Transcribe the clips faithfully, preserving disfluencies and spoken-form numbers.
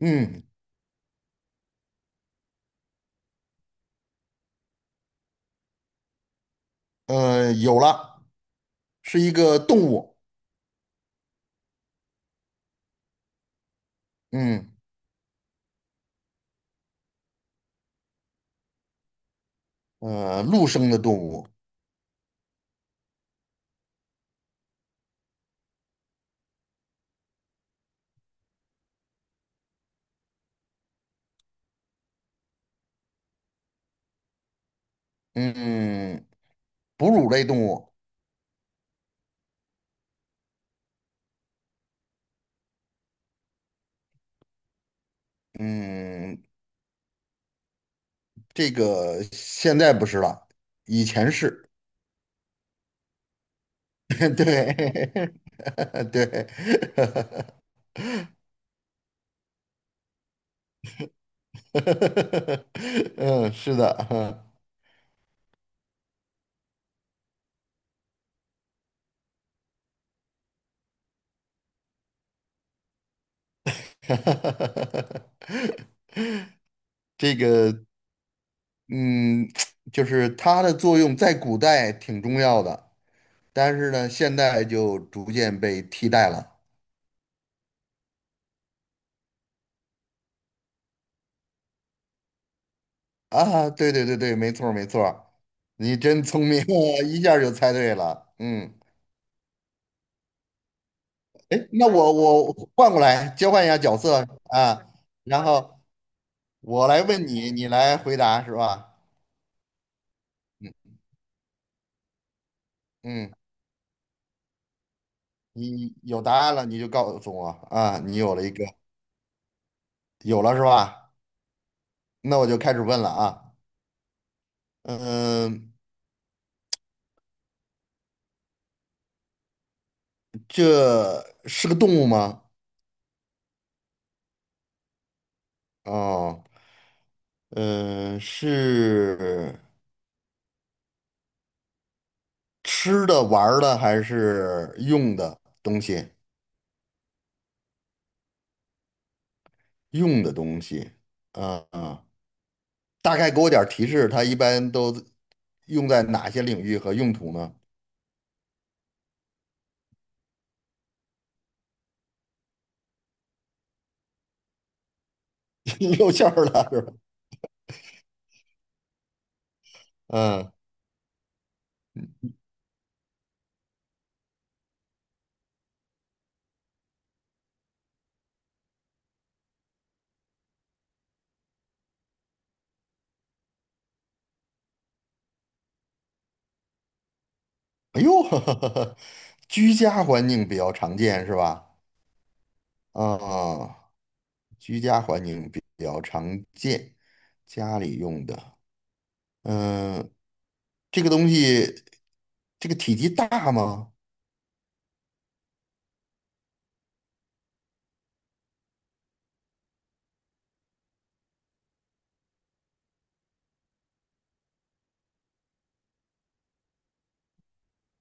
嗯，呃，有了，是一个动物。嗯，呃，陆生的动物。嗯，哺乳类动物。嗯，这个现在不是了，以前是。对。对。嗯，是的。这个，嗯，就是它的作用在古代挺重要的，但是呢，现在就逐渐被替代了。啊，对对对对，没错儿没错儿，你真聪明啊，一下儿就猜对了。嗯，哎，那我我换过来交换一下角色啊，然后我来问你，你来回答是吧？嗯，你有答案了你就告诉我啊，你有了一个，有了是吧？那我就开始问了啊。嗯，这是个动物吗？哦，嗯，是吃的、玩儿的还是用的东西？用的东西，啊、啊，大概给我点儿提示，它一般都用在哪些领域和用途呢？露馅儿了是吧？嗯，哎呦，居家环境比较常见是吧？啊、居家环境比较常见，家里用的，嗯、这个东西，这个体积大吗？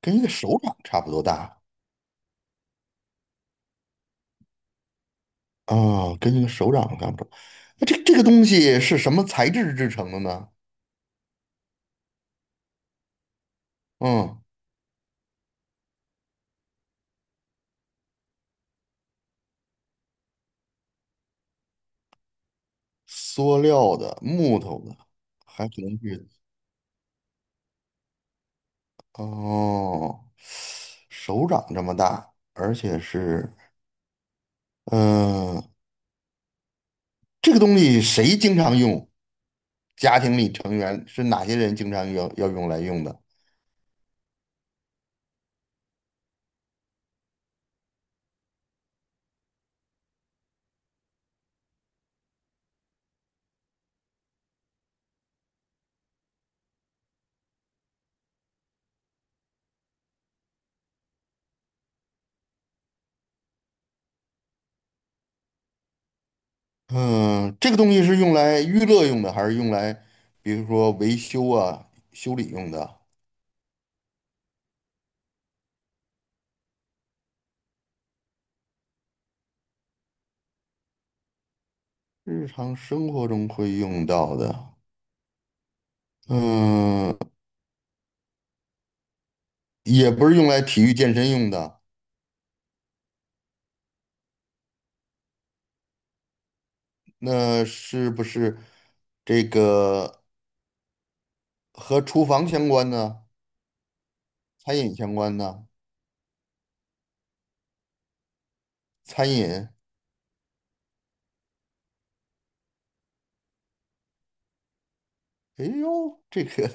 跟一个手掌差不多大啊、跟一个手掌差不多。那这这个东西是什么材质制成的呢？嗯，塑料的、木头的，还可能是哦，手掌这么大，而且是嗯、呃这个东西谁经常用？家庭里成员是哪些人经常要要用来用的？嗯、这个东西是用来娱乐用的，还是用来比如说维修啊、修理用的？日常生活中会用到的，嗯、也不是用来体育健身用的。那是不是这个和厨房相关呢？餐饮相关呢？餐饮，哎呦，这个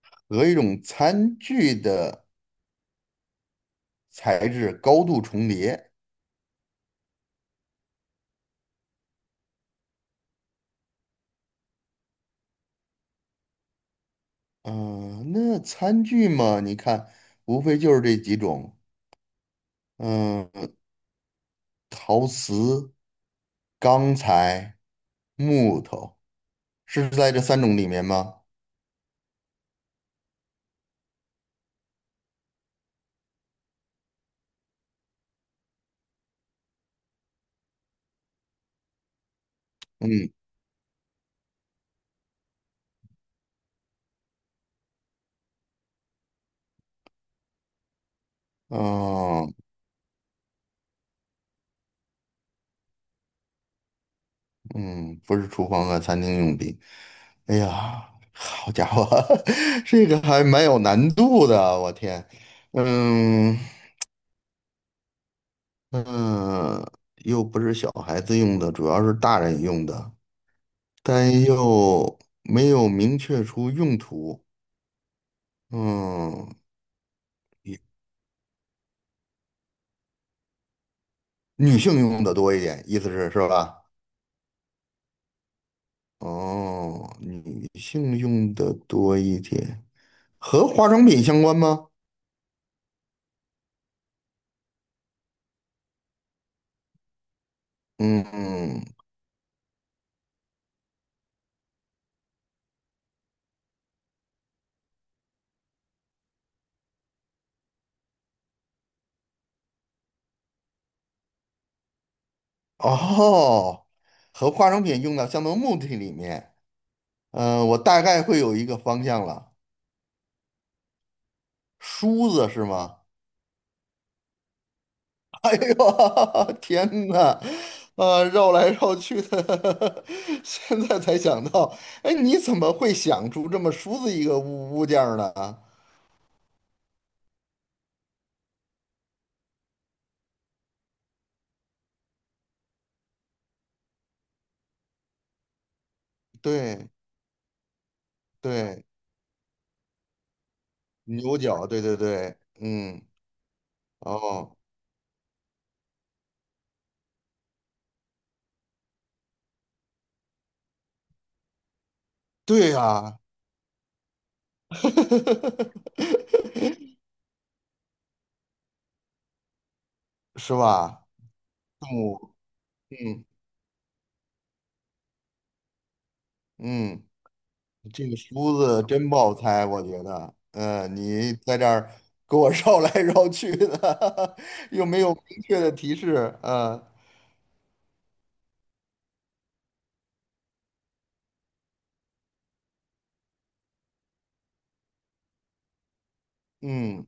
和一种餐具的材质高度重叠。嗯、那餐具嘛，你看，无非就是这几种，嗯、陶瓷、钢材、木头，是在这三种里面吗？嗯嗯、呃嗯，不是厨房和餐厅用品。哎呀，好家伙，这个还蛮有难度的，我天。嗯嗯，又不是小孩子用的，主要是大人用的，但又没有明确出用途。嗯，女性用的多一点，意思是是吧？哦，女性用的多一点，和化妆品相关吗？嗯，哦，和化妆品用到相同目的里面，嗯、我大概会有一个方向了。梳子是吗？哎呦，天呐，呃，绕来绕去的，现在才想到，哎，你怎么会想出这么梳子一个物物件儿呢？对对，牛角，对对对，嗯，哦，对呀、是吧？动物，嗯嗯。这个梳子真不好猜，我觉得，嗯，你在这儿给我 绕来绕去的，又没有明确的提示，啊，嗯，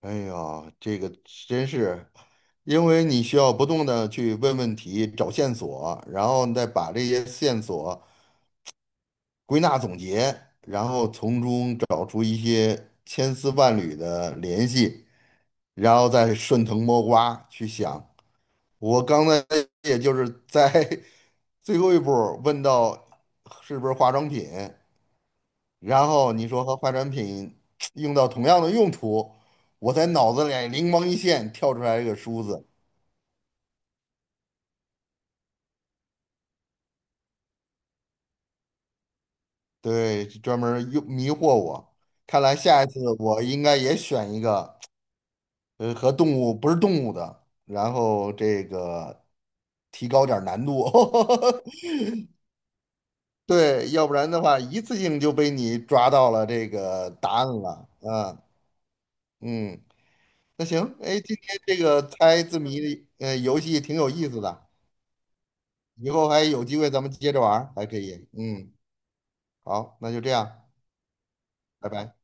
哎呀，这个真是，因为你需要不断的去问问题、找线索，然后你再把这些线索归纳总结，然后从中找出一些千丝万缕的联系，然后再顺藤摸瓜去想。我刚才也就是在 最后一步儿问到是不是化妆品，然后你说和化妆品 用到同样的用途，我在脑子里灵光一现，跳出来一个梳子，对，专门儿用迷惑我。看来下一次我应该也选一个，呃，和动物不是动物的，然后这个提高点儿难度。对，要不然的话，一次性就被你抓到了这个答案了。啊。嗯，那行，哎，今天这个猜字谜的呃游戏挺有意思的，以后还有机会咱们接着玩儿还可以。嗯，好，那就这样，拜拜。